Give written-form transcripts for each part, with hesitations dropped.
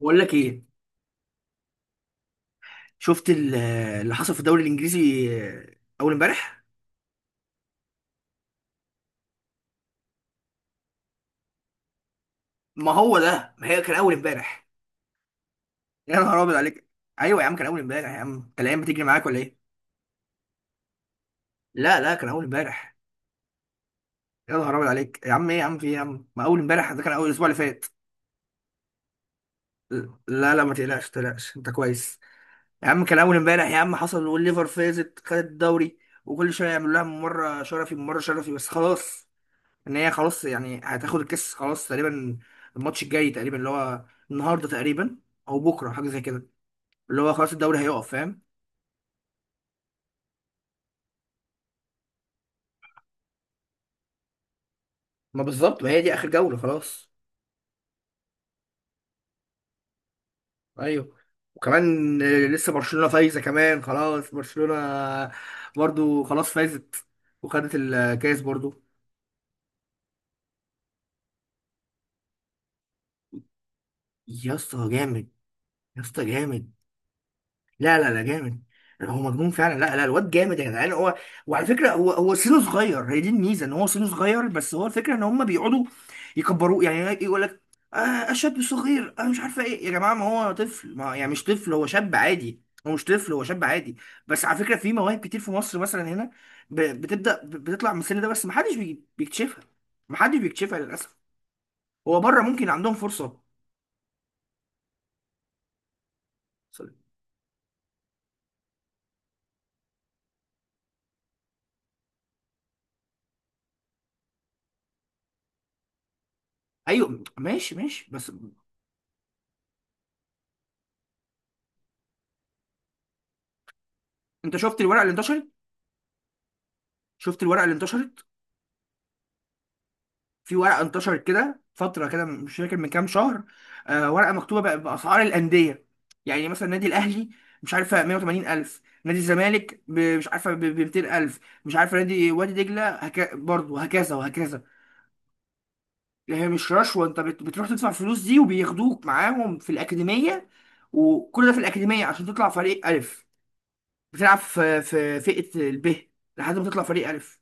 بقول لك ايه؟ شفت ال- اللي حصل في الدوري الانجليزي اول امبارح. ما هو ده، ما هي كان اول امبارح. يا نهار ابيض عليك! ايوه يا عم كان اول امبارح يا عم، انت الايام بتجري معاك ولا ايه؟ لا لا كان اول امبارح. يا نهار ابيض عليك يا عم، ايه يا عم، في ايه يا عم؟ ما اول امبارح ده كان اول اسبوع اللي فات. لا لا، ما تقلقش ما تقلقش انت كويس. يا عم كان اول امبارح يا عم، حصل والليفر فازت خدت الدوري. وكل شويه يعملوا لها مره شرفي مره شرفي بس خلاص. ان هي خلاص يعني هتاخد الكاس خلاص تقريبا. الماتش الجاي تقريبا، اللي هو النهارده تقريبا او بكره حاجه زي كده، اللي هو خلاص الدوري هيقف، فاهم. ما بالظبط، ما هي دي اخر جوله خلاص. ايوه. وكمان لسه برشلونه فايزه كمان، خلاص برشلونه برضو خلاص فازت وخدت الكاس برضو. يا اسطى جامد! يا اسطى جامد! لا لا لا جامد، هو مجنون فعلا. لا لا الواد جامد يا جدعان. هو وعلى فكره هو سنه صغير، هي دي الميزه ان هو سنه صغير، بس هو الفكره ان هم بيقعدوا يكبروه يعني. يقول لك آه شاب صغير انا مش عارفه ايه يا جماعه، ما هو طفل، ما يعني مش طفل، هو شاب عادي، هو مش طفل، هو شاب عادي. بس على فكره في مواهب كتير في مصر مثلا هنا بتبدا بتطلع من السن ده، بس ما حدش بيكتشفها، ما حدش بيكتشفها للاسف. هو بره ممكن عندهم فرصه. ايوه ماشي ماشي بس. انت شفت الورقه اللي انتشرت؟ شفت الورقه اللي انتشرت؟ في ورقه انتشرت كده فتره كده، مش فاكر من كام شهر، آه ورقه مكتوبه باسعار الانديه. يعني مثلا النادي الاهلي مش عارفه 180 الف، نادي الزمالك مش عارفه ب 200 الف، مش عارفه نادي وادي دجله برضه، وهكذا وهكذا. هي مش رشوه، انت بتروح تدفع فلوس دي وبياخدوك معاهم في الاكاديميه. وكل ده في الاكاديميه عشان تطلع فريق الف. بتلعب في فئه الب لحد ما تطلع فريق الف.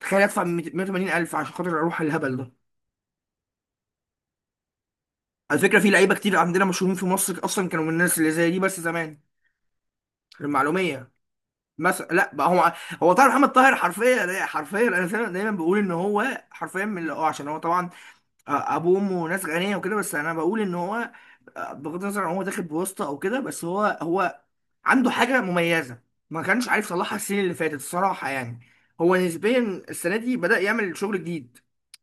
تخيل ادفع 180 الف عشان خاطر اروح الهبل ده. على فكره في لعيبه كتير عندنا مشهورين في مصر، اصلا كانوا من الناس اللي زي دي بس زمان. المعلوميه مثلا. لا بقى هو، هو طاهر محمد طاهر حرفيا حرفيا، انا دايما دايما بقول ان هو حرفيا من اللي هو عشان هو طبعا ابوه وامه ناس غنيه وكده. بس انا بقول ان هو بغض النظر عن هو داخل بواسطه او كده، بس هو عنده حاجة مميزة. ما كانش عارف يصلحها السنين اللي فاتت الصراحة يعني. هو نسبيا السنة دي بدأ يعمل شغل جديد.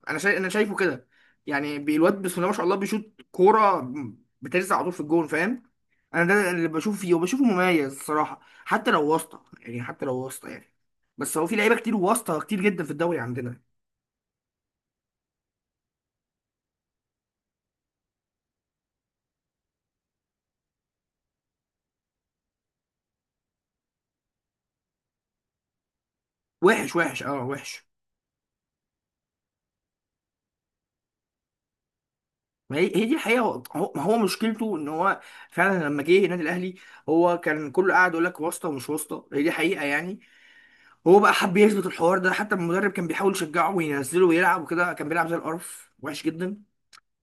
أنا شايف، أنا شايفه كده. يعني الواد بسم الله ما شاء الله بيشوط كورة بترزع على طول في الجون، فاهم. أنا ده اللي بشوفه فيه وبشوفه مميز الصراحة، حتى لو واسطة يعني، حتى لو واسطة يعني. بس هو في لعيبة كتير واسطة كتير جدا في الدوري عندنا. وحش وحش، اه وحش. ما هي هي دي الحقيقه. هو ما هو مشكلته ان هو فعلا لما جه النادي الاهلي، هو كان كله قاعد يقول لك واسطه ومش واسطه، هي دي حقيقه يعني. هو بقى حب يثبت الحوار ده، حتى المدرب كان بيحاول يشجعه وينزله ويلعب وكده، كان بيلعب زي القرف وحش جدا.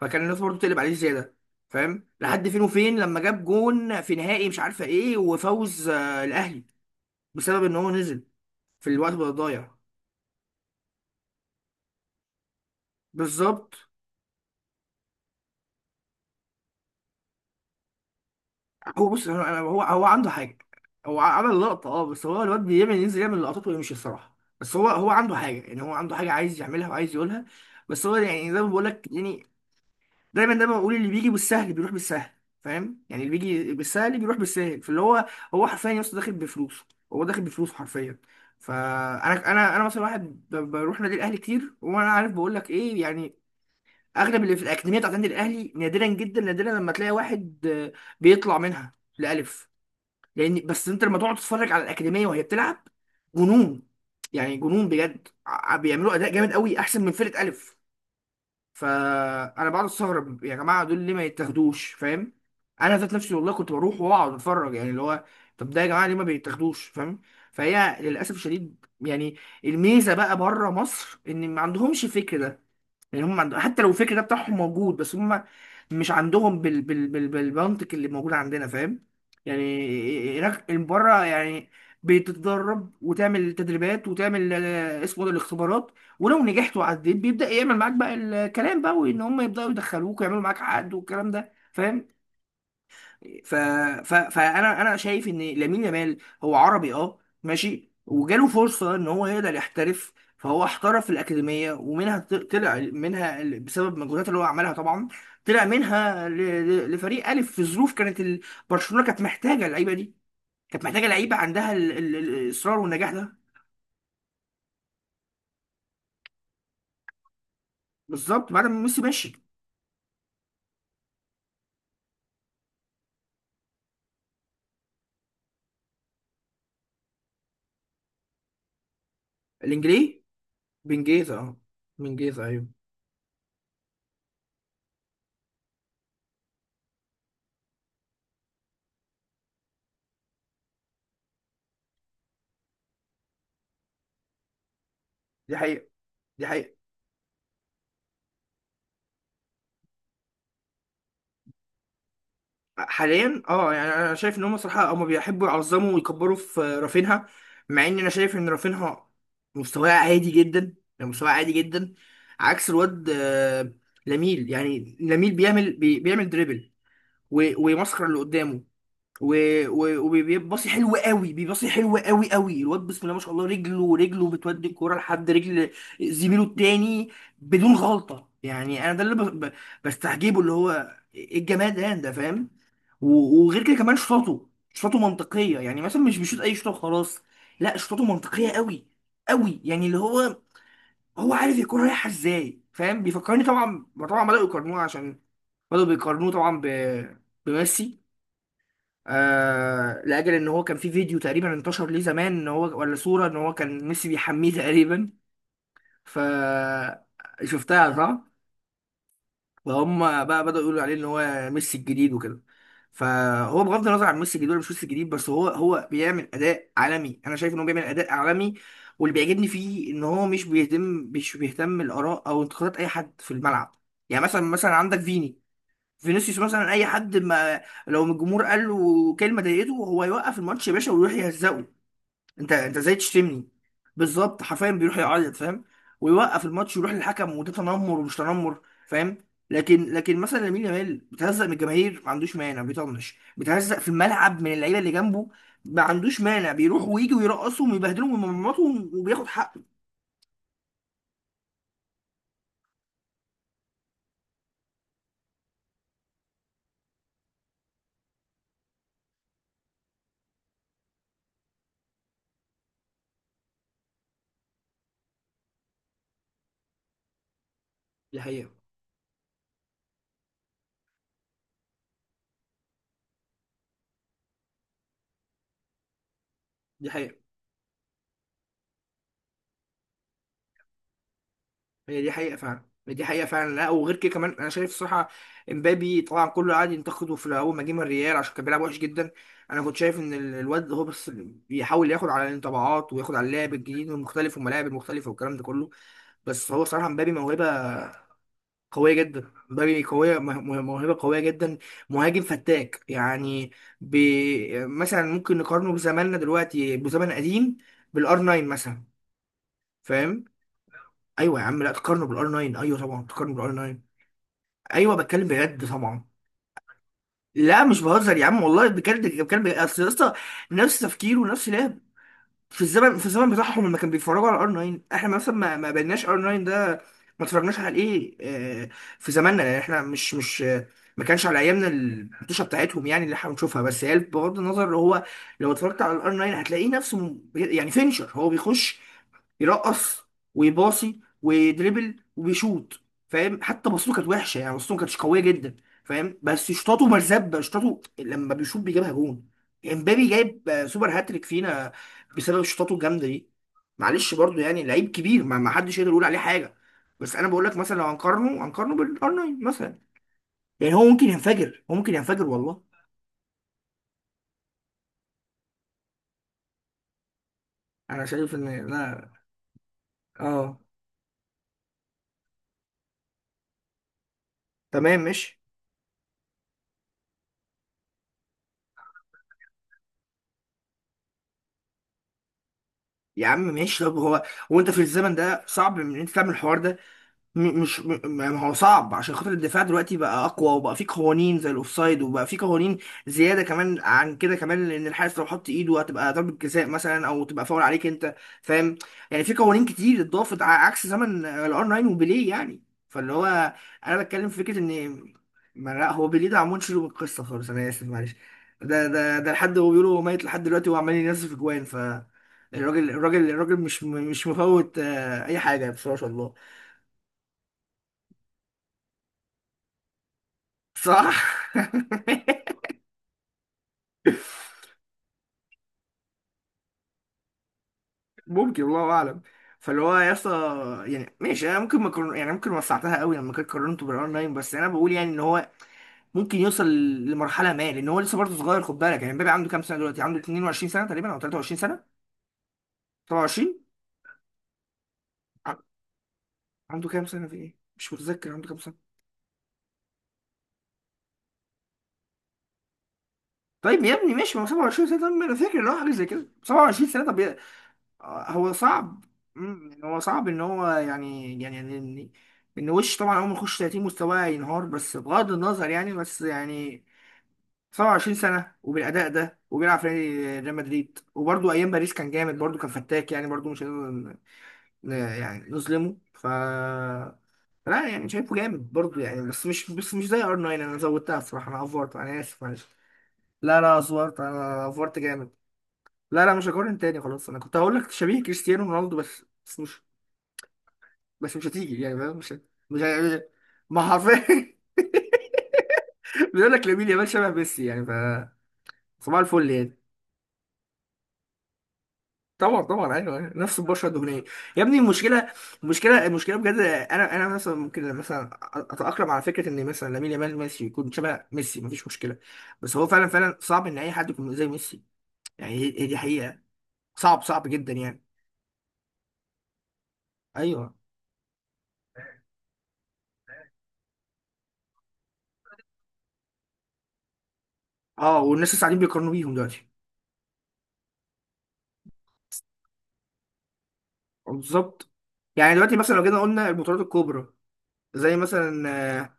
فكان الناس برضه بتقلب عليه زياده فاهم، لحد فين وفين لما جاب جون في نهائي مش عارفه ايه، وفوز الاهلي بسبب ان هو نزل في الوقت بقى ضايع. بالظبط. هو بص، هو عنده حاجه. هو عمل لقطه اه، بس هو الواد بيعمل ينزل يعمل لقطات ويمشي الصراحه، بس هو عنده حاجه يعني، هو عنده حاجه عايز يعملها وعايز يقولها. بس هو يعني زي ما بقول لك يعني، دايما دايما بقول اللي بيجي بالسهل بيروح بالسهل، فاهم يعني، اللي بيجي بالسهل بيروح بالسهل. فاللي هو، هو حرفيا يا اسطى داخل بفلوسه. هو داخل بفلوسه حرفيا. فانا انا انا مثلا واحد بروح نادي الاهلي كتير وانا عارف، بقول لك ايه يعني. اغلب اللي في الاكاديميه بتاعت نادي الاهلي نادرا جدا، نادرا لما تلاقي واحد بيطلع منها لألف. لان بس انت لما تقعد تتفرج على الاكاديميه وهي بتلعب، جنون، يعني جنون بجد. بيعملوا اداء جامد قوي احسن من فرقه الف. فانا بقعد استغرب يا جماعه، دول ليه ما يتاخدوش فاهم. انا ذات نفسي والله كنت بروح واقعد اتفرج يعني، اللي هو طب ده يا جماعه ليه ما بيتاخدوش فاهم. فهي للاسف الشديد يعني الميزه بقى بره مصر ان ما عندهمش الفكر ده، لان هم حتى لو الفكر ده بتاعهم موجود بس هم مش عندهم بالمنطق اللي موجود عندنا فاهم. يعني هناك بره يعني بتتدرب وتعمل تدريبات وتعمل اسمه ده الاختبارات، ولو نجحت وعديت بيبدأ يعمل معاك بقى الكلام بقى، وان هم يبدأوا يدخلوك ويعملوا معاك عقد والكلام ده فاهم. ف... فانا شايف ان لامين يامال هو عربي اه ماشي، وجاله فرصه ان هو يقدر يحترف، فهو احترف في الاكاديميه ومنها طلع منها بسبب المجهودات اللي هو عملها طبعا. طلع منها لفريق الف في ظروف كانت برشلونه كانت محتاجه اللعيبه دي. كانت محتاجه لعيبه عندها الاصرار والنجاح ده. بالظبط بعد ما ميسي ماشي. الانجليزي، بنجيزه اه، بنجيزه ايوه. دي حقيقه. دي حقيقه حاليا اه، يعني انا شايف ان هم صراحه هم بيحبوا يعظموا ويكبروا في رافينها. مع ان انا شايف ان رافينها مستواه عادي جدا يعني مستواه عادي جدا. عكس الواد لاميل يعني لاميل بيعمل دريبل ويمسخر اللي قدامه وبيباصي حلو قوي، بيباصي حلو قوي قوي. الواد بسم الله ما شاء الله رجله بتودي الكوره لحد رجل زميله التاني بدون غلطه يعني. انا ده اللي بستعجبه، اللي هو ايه الجمال ده ده فاهم. وغير كده كمان شطاته منطقيه يعني مثلا مش بيشوط اي شوطه وخلاص. لا شطاته منطقيه قوي قوي يعني، اللي هو هو عارف يكون رايحه ازاي، فاهم. بيفكرني طبعا طبعا بداوا يقارنوه عشان بداوا بيقارنوه طبعا بميسي. لاجل ان هو كان في فيديو تقريبا انتشر ليه زمان ان هو ولا صوره ان هو كان ميسي بيحميه تقريبا. ف شفتها صح؟ فهم بقى بدأوا يقولوا عليه ان هو ميسي الجديد وكده. فهو بغض النظر عن ميسي الجديد ولا مش ميسي الجديد، بس هو بيعمل اداء عالمي، انا شايف ان هو بيعمل اداء عالمي. واللي بيعجبني فيه ان هو مش بيهتم، مش بيهتم الاراء او انتقادات اي حد في الملعب. يعني مثلا مثلا عندك فيني، فينيسيوس مثلا، اي حد ما لو من الجمهور قال له كلمه ضايقته، هو يوقف الماتش يا باشا ويروح يهزقه، انت انت ازاي تشتمني. بالظبط حرفيا بيروح يعيط فاهم، ويوقف الماتش ويروح للحكم، وده تنمر ومش تنمر فاهم. لكن مثلا لامين يامال بتهزق من الجماهير ما عندوش مانع، بيطنش، بتهزق في الملعب من اللعيبه اللي جنبه ما عندوش مانع، بيروح ويجي ويرقصهم ويبهدلهم ويمرمطهم وبياخد حقه. دي حقيقه. دي حقيقه. هي دي حقيقة فعلا، دي حقيقة فعلا. لا وغير كده كمان أنا شايف الصراحة إمبابي طبعا كله قعد ينتقده في الأول ما جه من الريال عشان كان بيلعب وحش جدا. أنا كنت شايف إن الواد هو بس بيحاول ياخد على الانطباعات وياخد على اللعب الجديد والمختلف والملاعب المختلفة والكلام ده كله. بس هو صراحة إمبابي موهبة قوية جدا، إمبابي قوية موهبة قوية جدا. مهاجم فتاك يعني. بي مثلا ممكن نقارنه بزماننا دلوقتي بزمن قديم بالآر 9 مثلا، فاهم؟ أيوه يا عم لا تقارنه بالآر 9، أيوه طبعا تقارنه بالآر 9. ايوه بتكلم بجد طبعا. لا مش بهزر يا عم والله بجد بتكلم بجد اصل يا اسطى. نفس تفكيره ونفس لعب. في الزمن بتاعهم لما كانوا بيتفرجوا على ار 9، احنا مثلا ما بيناش ار 9 ده، ما اتفرجناش على ايه آه، في زماننا يعني. احنا مش ما كانش على ايامنا الحطوشه بتاعتهم يعني اللي احنا بنشوفها. بس هي بغض النظر، هو لو اتفرجت على الار 9 هتلاقيه نفسه يعني فينشر، هو بيخش يرقص ويباصي ويدربل وبيشوط فاهم. حتى بصته كانت وحشه يعني بصته ما كانتش قويه جدا فاهم. بس شطاته مرزبه، شطاته لما بيشوط بيجيبها جون. امبابي جايب سوبر هاتريك فينا بسبب شطاته الجامده دي. معلش برضو يعني لعيب كبير، ما حدش يقدر يقول عليه حاجه. بس انا بقول لك مثلا لو هنقارنه هنقارنه بالار 9 مثلا، يعني هو ممكن ينفجر، هو ممكن ينفجر والله. انا شايف ان لا اه، تمام ماشي. يا عم ماشي، طب هو وانت في الزمن ده صعب ان انت تعمل الحوار ده. م- مش م- ما هو صعب عشان خاطر الدفاع دلوقتي بقى اقوى وبقى فيه قوانين زي الاوفسايد، وبقى فيه قوانين زياده كمان عن كده كمان، لان الحارس لو حط ايده هتبقى ضربه جزاء مثلا او تبقى فاول عليك انت، فاهم. يعني في قوانين كتير اتضافت عكس زمن الار 9 وبيليه يعني. فاللي هو انا بتكلم في فكره ان ما، لا هو بيليه ده عمون شيله من القصه خالص انا اسف معلش. ده لحد هو بيقولوا هو ميت لحد دلوقتي وعمال ينزل في جوان. ف الراجل مش مش مفوت اي حاجه بصراحه. صح ممكن الله اعلم. فاللي هو يا اسطى، يعني ماشي انا ممكن ما كرر... يعني ممكن وسعتها قوي لما كنت قارنته بالاونلاين، بس انا بقول يعني ان هو ممكن يوصل لمرحله ما، لان هو لسه برضه صغير خد بالك. يعني مبابي عنده كام سنه دلوقتي؟ عنده 22 سنه تقريبا او 23 سنه. 27. ع- عنده كام سنه في ايه مش متذكر عنده كام سنه. طيب يا ابني ماشي، ما هو 27 سنه، طب ما انا فاكر ان هو حاجه زي كده 27 سنه، طب. هو صعب، يعني هو صعب ان هو يعني، يعني ان وش طبعا اول ما يخش 30 مستواه ينهار. بس بغض النظر يعني، بس يعني 27 سنه وبالاداء ده وبيلعب في نادي ريال مدريد، وبرده ايام باريس كان جامد، برده كان فتاك يعني، برده مش هنقدر يعني نظلمه. ف لا يعني شايفه جامد برضه يعني، بس مش، بس مش زي ار 9. انا زودتها الصراحه، انا افورت، انا اسف معلش. لا لا افورت، انا افورت جامد. لا لا مش هقارن تاني خلاص. انا كنت هقول لك شبيه كريستيانو رونالدو بس، بس مش، بس مش هتيجي يعني فاهم؟ مش مش هي- ما حرفيا بيقول لك لامين يامال شبه ميسي يعني. ف صباح الفل يعني. طبعا طبعا ايوه أيوة. نفس البشره الدهنيه. يا ابني المشكله، المشكله بجد، انا انا مثلا ممكن مثلا اتاقلم على فكره ان مثلا لامين يامال ميسي يكون شبه ميسي، مفيش مشكله. بس هو فعلا فعلا صعب ان اي حد يكون زي ميسي. يعني هي هي دي حقيقه. صعب صعب جدا يعني. ايوه. اه والناس لسه قاعدين بيقارنوا بيهم دلوقتي. بالظبط. يعني دلوقتي مثلا لو جينا قلنا البطولات الكبرى زي مثلا آه،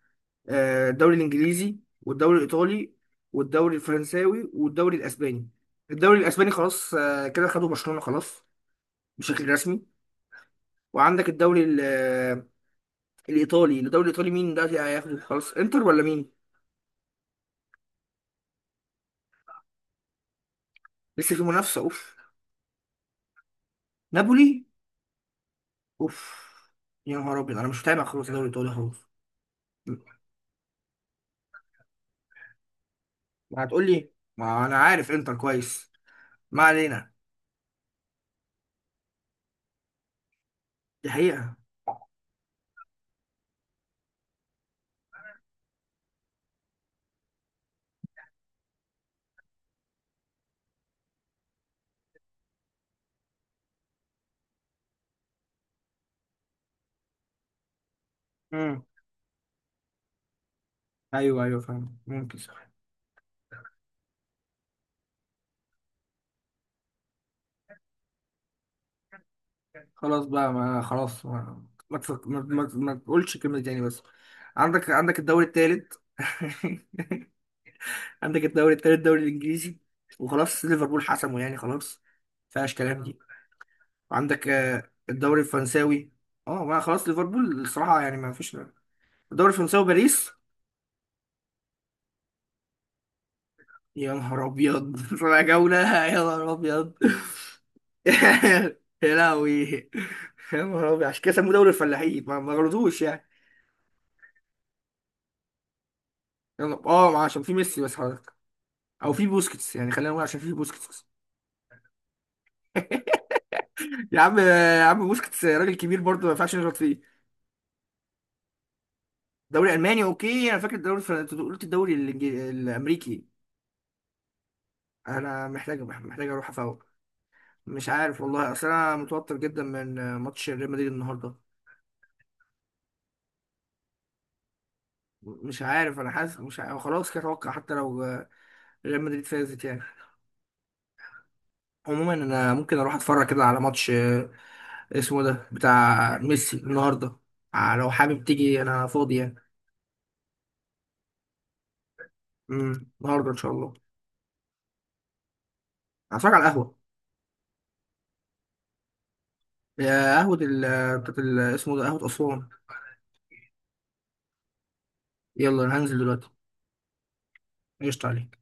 الدوري الانجليزي والدوري الايطالي والدوري الفرنساوي والدوري الاسباني. الدوري الاسباني خلاص، كده خدوا برشلونة خلاص بشكل رسمي. وعندك الدوري الايطالي. الدوري الايطالي مين دلوقتي هياخده خلاص، انتر ولا مين؟ لسه في منافسة، اوف. نابولي، اوف. يا نهار ابيض انا مش متابع خلاص الدوري الايطالي خلاص. ما هتقول لي، ما انا عارف انتر كويس. ما علينا. دي حقيقة. امم. ايوه ايوه فاهم ممكن صح. خلاص بقى، ما خلاص ما، ما، ما تقولش كلمة تاني بس. عندك الدوري التالت. عندك الدوري التالت، الدوري الإنجليزي. وخلاص ليفربول حسمه يعني خلاص، مفيهاش كلام دي. وعندك الدوري الفرنساوي. اه ما خلاص ليفربول الصراحة يعني ما فيش. الدوري الفرنساوي باريس. يا نهار أبيض رابع جولة. يا نهار أبيض يا لهوي. يا نهار أبيض، عشان كده سموه دوري الفلاحين، ما ما غلطوش يعني. يلا اه عشان في ميسي بس حضرتك، او في بوسكيتس يعني، خلينا نقول عشان في بوسكيتس يا عم يا عم بوسكيتس راجل كبير برضه ما ينفعش نغلط فيه. دوري الماني اوكي انا فاكر الدوري الفرنسي، أنت قلت الدوري الامريكي. انا محتاج، محتاج اروح افوق. مش عارف والله، اصل انا متوتر جدا من ماتش ريال مدريد النهارده. مش عارف انا حاسس، مش عارف. خلاص كده اتوقع حتى لو ريال مدريد فازت يعني. عموما انا ممكن اروح اتفرج كده على ماتش اسمه ده بتاع ميسي النهارده. لو حابب تيجي انا فاضي يعني. النهارده ان شاء الله. هتفرج على القهوه. يا قهوة بتاعت اسمه ده قهوة أسوان. يلا أنا هنزل دلوقتي. قشطة عليك.